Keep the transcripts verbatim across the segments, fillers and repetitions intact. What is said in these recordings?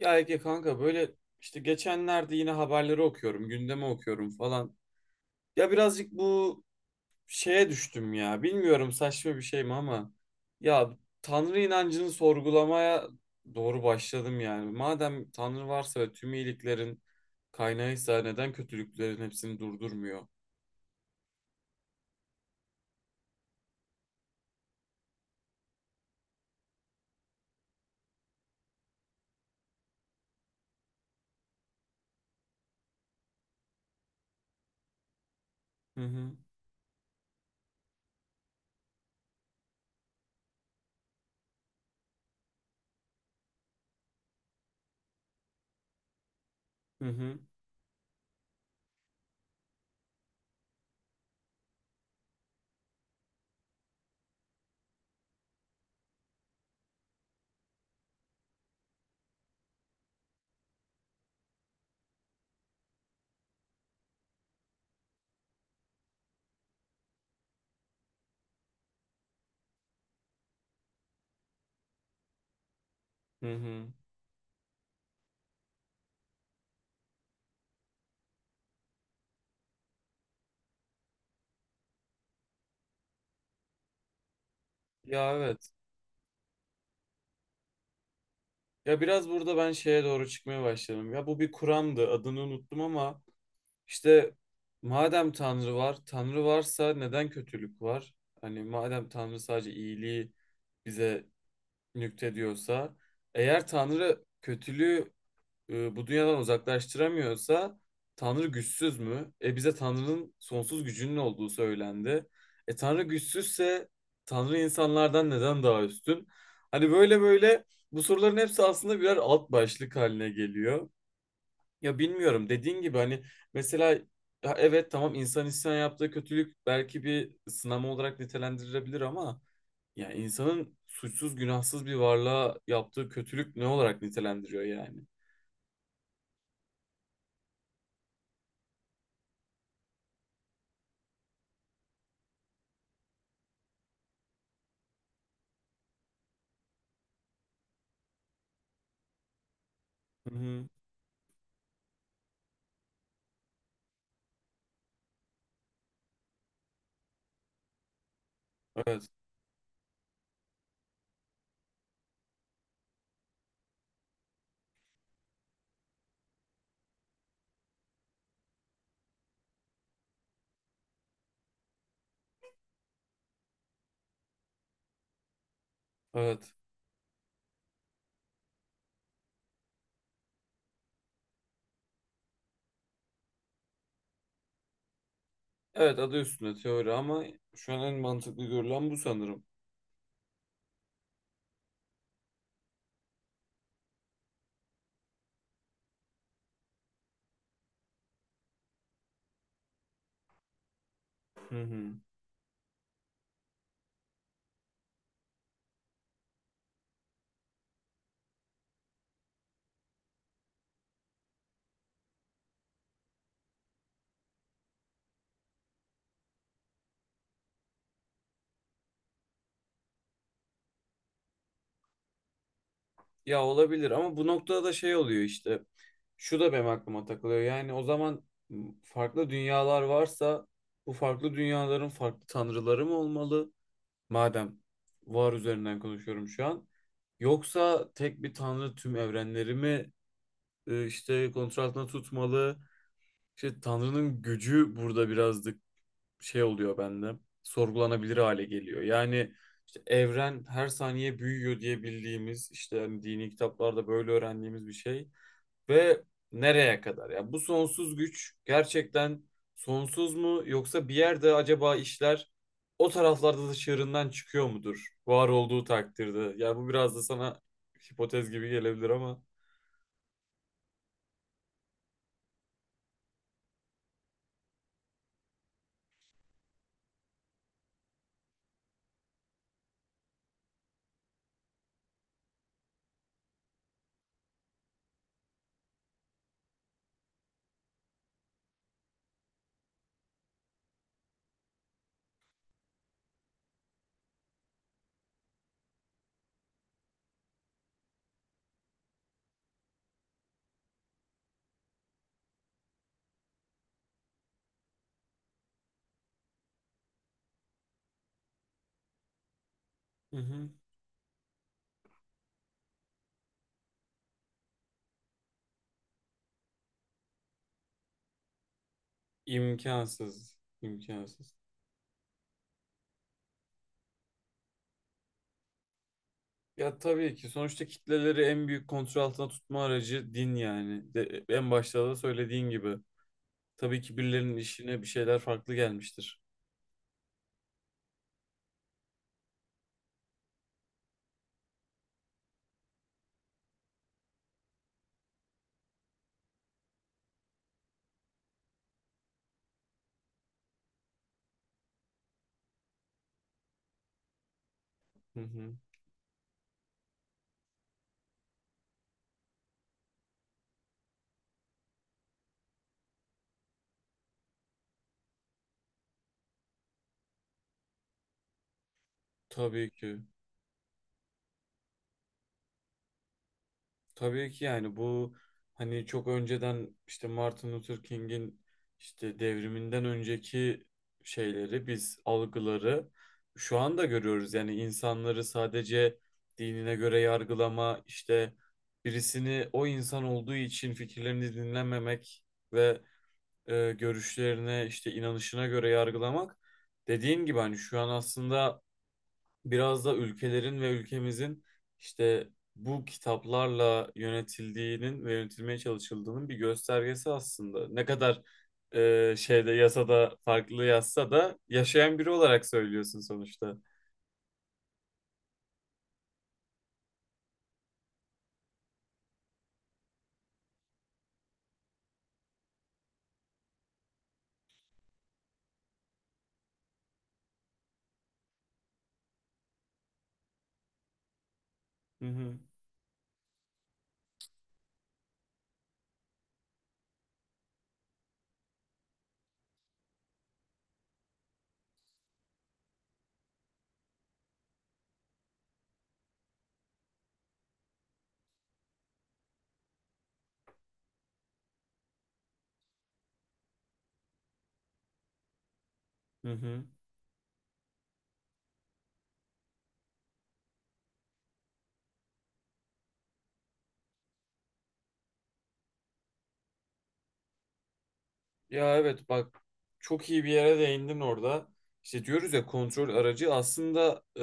Ya Ege kanka böyle işte geçenlerde yine haberleri okuyorum, gündemi okuyorum falan. Ya birazcık bu şeye düştüm ya. Bilmiyorum saçma bir şey mi ama ya Tanrı inancını sorgulamaya doğru başladım yani. Madem Tanrı varsa ve tüm iyiliklerin kaynağıysa neden kötülüklerin hepsini durdurmuyor? Hı hı. Hı hı. Hı hı. Ya evet. Ya biraz burada ben şeye doğru çıkmaya başladım. Ya bu bir kuramdı. Adını unuttum ama İşte madem Tanrı var, Tanrı varsa neden kötülük var? Hani madem Tanrı sadece iyiliği bize nüktediyorsa, eğer Tanrı kötülüğü e, bu dünyadan uzaklaştıramıyorsa, Tanrı güçsüz mü? E bize Tanrı'nın sonsuz gücünün olduğu söylendi. E Tanrı güçsüzse Tanrı insanlardan neden daha üstün? Hani böyle böyle bu soruların hepsi aslında birer alt başlık haline geliyor. Ya bilmiyorum dediğin gibi hani mesela ya evet tamam insan insan yaptığı kötülük belki bir sınama olarak nitelendirilebilir ama ya insanın suçsuz günahsız bir varlığa yaptığı kötülük ne olarak nitelendiriyor yani? Hı hı. Evet, evet. Evet, adı üstünde teori ama şu an en mantıklı görülen bu sanırım. Hı hı. Ya olabilir ama bu noktada da şey oluyor işte. Şu da benim aklıma takılıyor. Yani o zaman farklı dünyalar varsa bu farklı dünyaların farklı tanrıları mı olmalı? Madem var üzerinden konuşuyorum şu an. Yoksa tek bir tanrı tüm evrenleri mi e, işte kontrol altında tutmalı? İşte tanrının gücü burada birazcık şey oluyor bende. Sorgulanabilir hale geliyor. Yani işte evren her saniye büyüyor diye bildiğimiz işte hani dini kitaplarda böyle öğrendiğimiz bir şey ve nereye kadar? Ya yani bu sonsuz güç gerçekten sonsuz mu yoksa bir yerde acaba işler o taraflarda da çığırından çıkıyor mudur? Var olduğu takdirde. Ya yani bu biraz da sana hipotez gibi gelebilir ama hı hı. imkansız, imkansız. Ya tabii ki sonuçta kitleleri en büyük kontrol altına tutma aracı din yani. De, en başta da söylediğin gibi. Tabii ki birilerinin işine bir şeyler farklı gelmiştir. Hı hı. Tabii ki. Tabii ki yani bu hani çok önceden işte Martin Luther King'in işte devriminden önceki şeyleri biz algıları şu anda görüyoruz. Yani insanları sadece dinine göre yargılama işte birisini o insan olduğu için fikirlerini dinlememek ve e, görüşlerine işte inanışına göre yargılamak dediğin gibi hani şu an aslında biraz da ülkelerin ve ülkemizin işte bu kitaplarla yönetildiğinin ve yönetilmeye çalışıldığının bir göstergesi aslında. Ne kadar e, şeyde yasada farklı yazsa da yaşayan biri olarak söylüyorsun sonuçta. Hı hı. Hı hı. Ya evet bak, çok iyi bir yere değindin orada. İşte diyoruz ya kontrol aracı aslında e,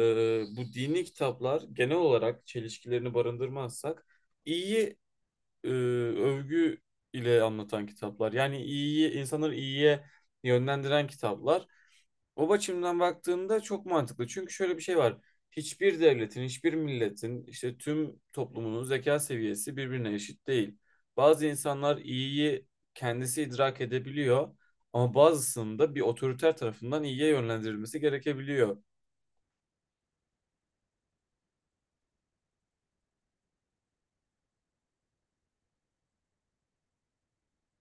bu dini kitaplar genel olarak çelişkilerini barındırmazsak iyiyi e, övgü ile anlatan kitaplar. Yani iyiyi, insanları iyiye yönlendiren kitaplar. O açımdan baktığında çok mantıklı. Çünkü şöyle bir şey var. Hiçbir devletin, hiçbir milletin, işte tüm toplumunun zeka seviyesi birbirine eşit değil. Bazı insanlar iyiyi kendisi idrak edebiliyor ama bazısının da bir otoriter tarafından iyiye yönlendirilmesi gerekebiliyor.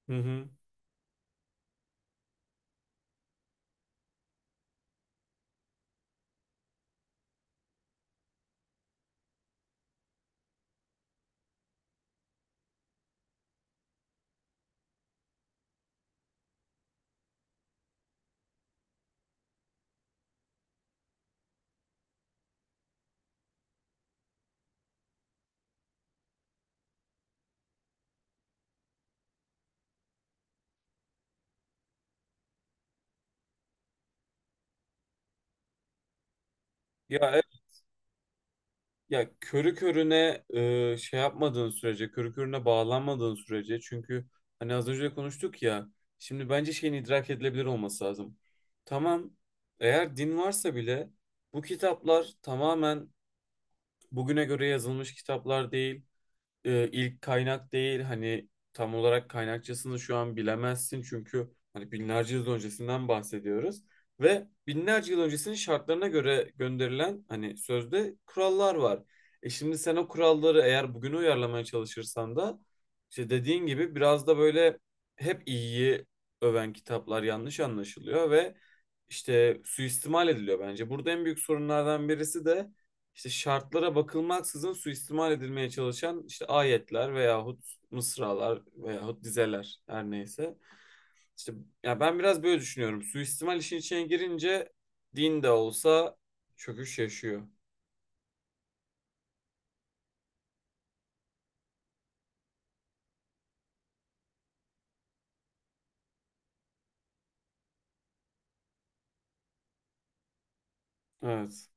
Hı hı. Ya Ya körü körüne e, şey yapmadığın sürece, körü körüne bağlanmadığın sürece çünkü hani az önce de konuştuk ya şimdi bence şeyin idrak edilebilir olması lazım. Tamam, eğer din varsa bile bu kitaplar tamamen bugüne göre yazılmış kitaplar değil, e, ilk kaynak değil, hani tam olarak kaynakçasını şu an bilemezsin çünkü hani binlerce yıl öncesinden bahsediyoruz ve binlerce yıl öncesinin şartlarına göre gönderilen hani sözde kurallar var. E şimdi sen o kuralları eğer bugüne uyarlamaya çalışırsan da işte dediğin gibi biraz da böyle hep iyiyi öven kitaplar yanlış anlaşılıyor ve işte suistimal ediliyor bence. Burada en büyük sorunlardan birisi de işte şartlara bakılmaksızın suistimal edilmeye çalışan işte ayetler veyahut mısralar veyahut dizeler her neyse. İşte ya ben biraz böyle düşünüyorum. Suistimal işin içine girince din de olsa çöküş yaşıyor. Evet.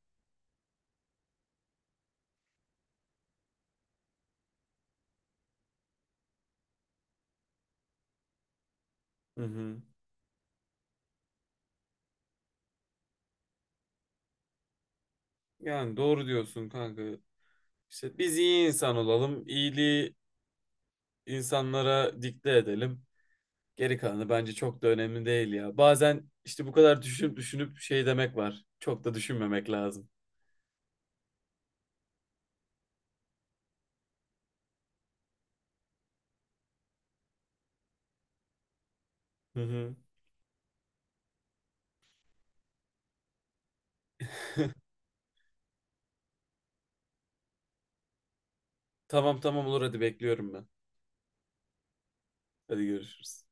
Hı hı. Yani doğru diyorsun kanka. İşte biz iyi insan olalım, iyiliği insanlara dikte edelim. Geri kalanı bence çok da önemli değil ya. Bazen işte bu kadar düşünüp düşünüp şey demek var. Çok da düşünmemek lazım. Hı hı. Tamam tamam, olur, hadi bekliyorum ben. Hadi görüşürüz.